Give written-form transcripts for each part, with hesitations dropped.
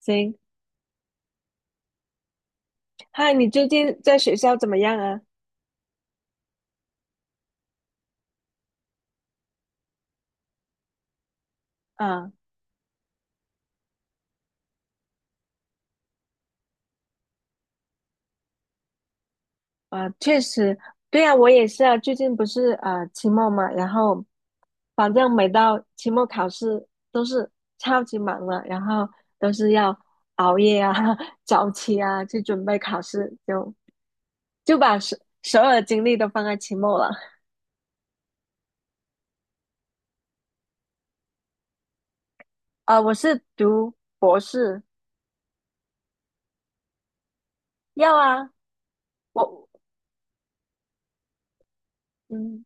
行，嗨，你最近在学校怎么样啊？啊啊，确实，对啊，我也是啊。最近不是啊期末嘛，然后反正每到期末考试都是超级忙了，然后都是要熬夜啊、早起啊去准备考试，就把所有的精力都放在期末了。啊，我是读博士，要啊，我嗯，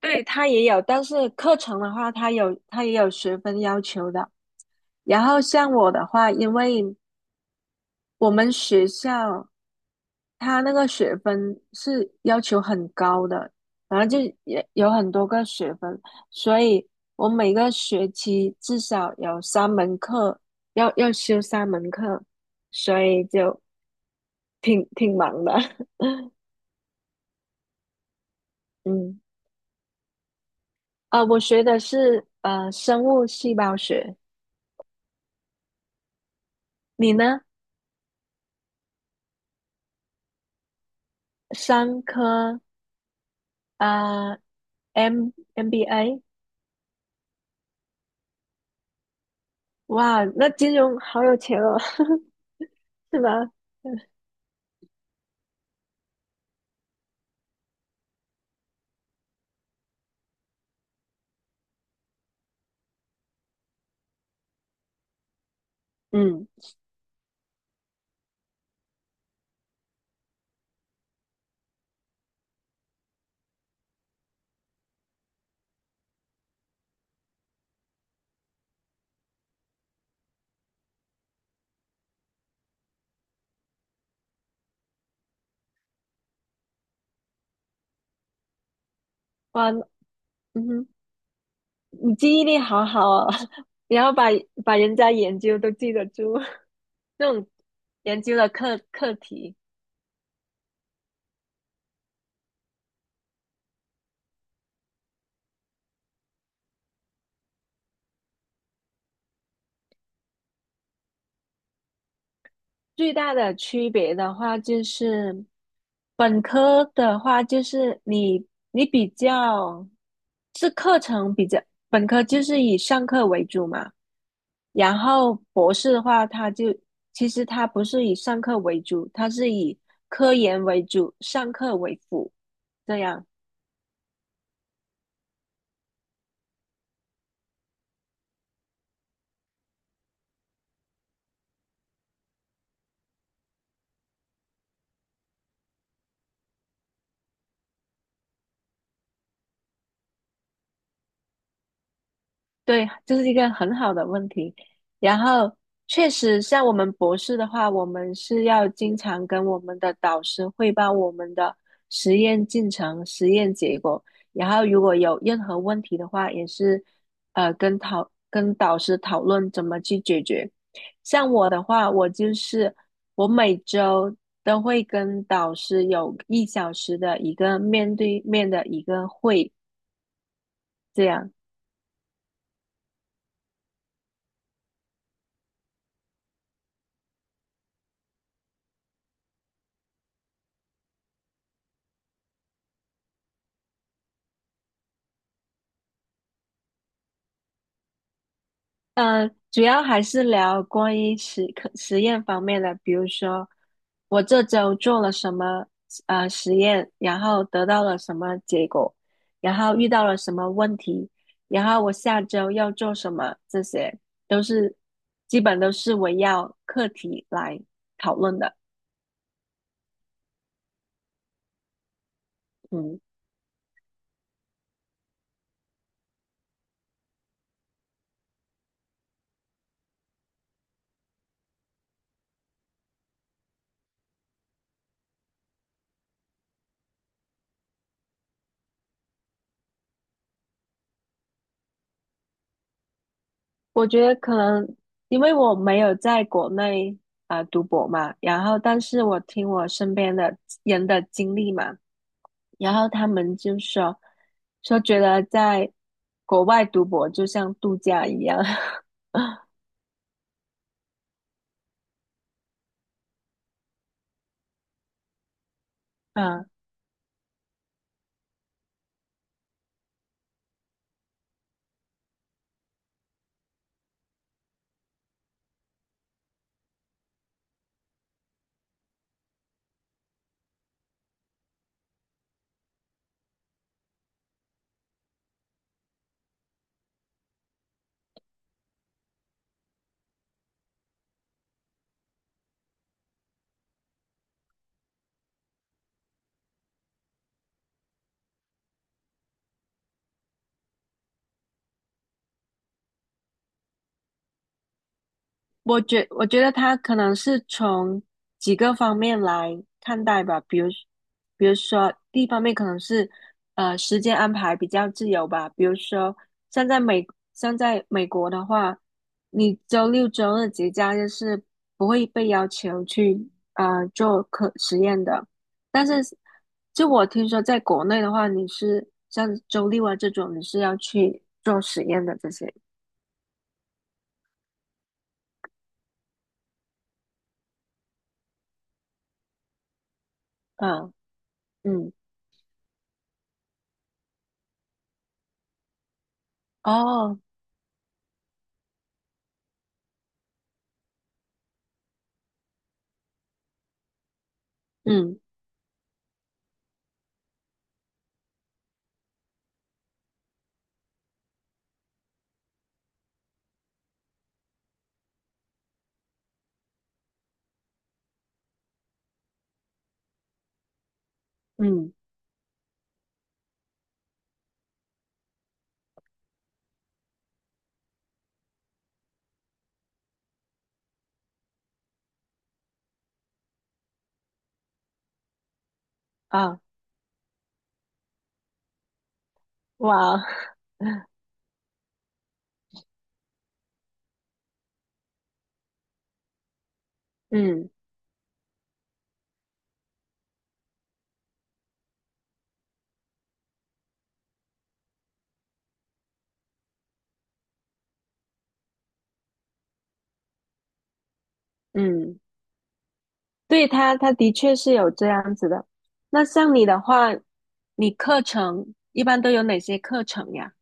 对，他也有，但是课程的话，他也有学分要求的。然后像我的话，因为我们学校它那个学分是要求很高的，然后就也有很多个学分，所以我每个学期至少有三门课要修三门课，所以就挺忙的。嗯，啊，我学的是生物细胞学，你呢？商科啊，M MBA，哇，那金融好有钱哦，是吧？嗯，哇，嗯哼，你记忆力好好哦，然后把人家研究都记得住。那种研究的课题。最大的区别的话，就是本科的话，就是你比较是课程比较，本科就是以上课为主嘛，然后博士的话，它就其实它不是以上课为主，它是以科研为主，上课为辅这样。对，这是一个很好的问题。然后，确实，像我们博士的话，我们是要经常跟我们的导师汇报我们的实验进程、实验结果。然后，如果有任何问题的话，也是跟导师讨论怎么去解决。像我的话，我就是我每周都会跟导师有一小时的一个面对面的一个会，这样。主要还是聊关于实验方面的，比如说我这周做了什么实验，然后得到了什么结果，然后遇到了什么问题，然后我下周要做什么，这些都是基本都是围绕课题来讨论的。嗯，我觉得可能因为我没有在国内啊、读博嘛，然后但是我听我身边的人的经历嘛。然后他们就说觉得在国外读博就像度假一样，嗯我觉得他可能是从几个方面来看待吧，比如说第一方面可能是时间安排比较自由吧，比如说像在美像在美国的话，你周六周日节假日是不会被要求去啊做科实验的，但是就我听说在国内的话，你是像周六啊这种你是要去做实验的这些，嗯嗯哦嗯嗯。啊，哇，嗯嗯，对他，他的确是有这样子的。那像你的话，你课程一般都有哪些课程呀？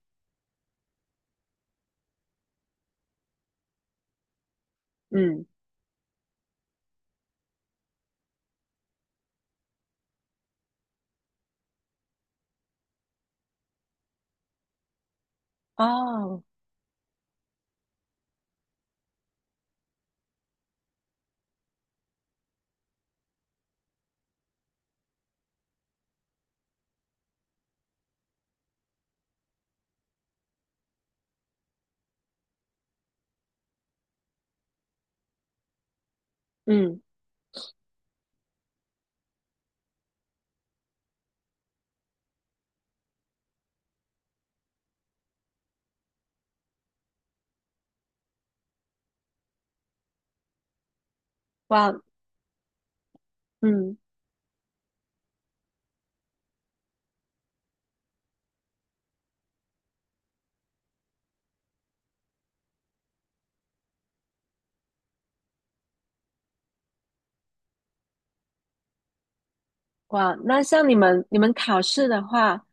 嗯，哦，嗯，哇，嗯哇，那像你们考试的话，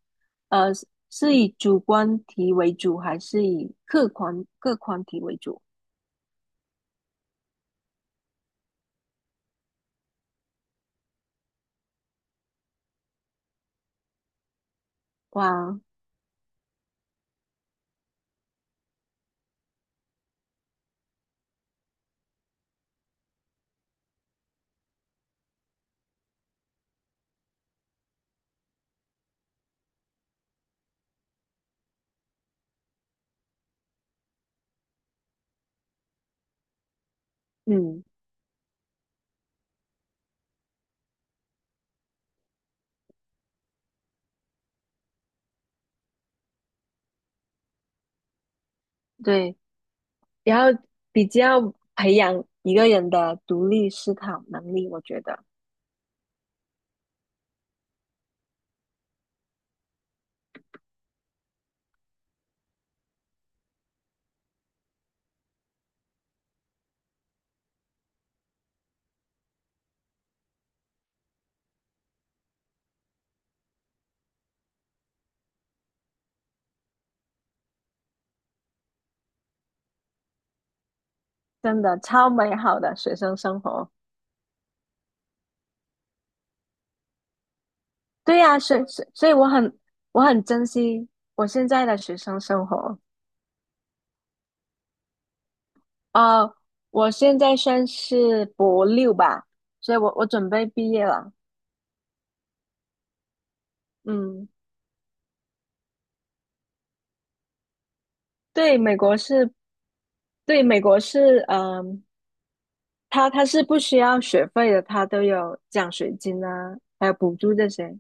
是以主观题为主，还是以客观题为主？哇，嗯，对，然后比较培养一个人的独立思考能力，我觉得。真的超美好的学生生活。对呀、所以我很我很珍惜我现在的学生生活。呃，我现在算是博六吧，所以我准备毕业了。嗯，对，美国是，对，美国是，嗯、它是不需要学费的，它都有奖学金啊，还有补助这些。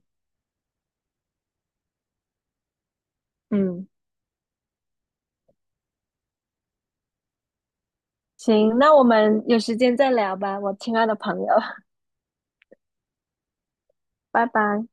嗯，行，那我们有时间再聊吧，我亲爱的朋友，拜拜。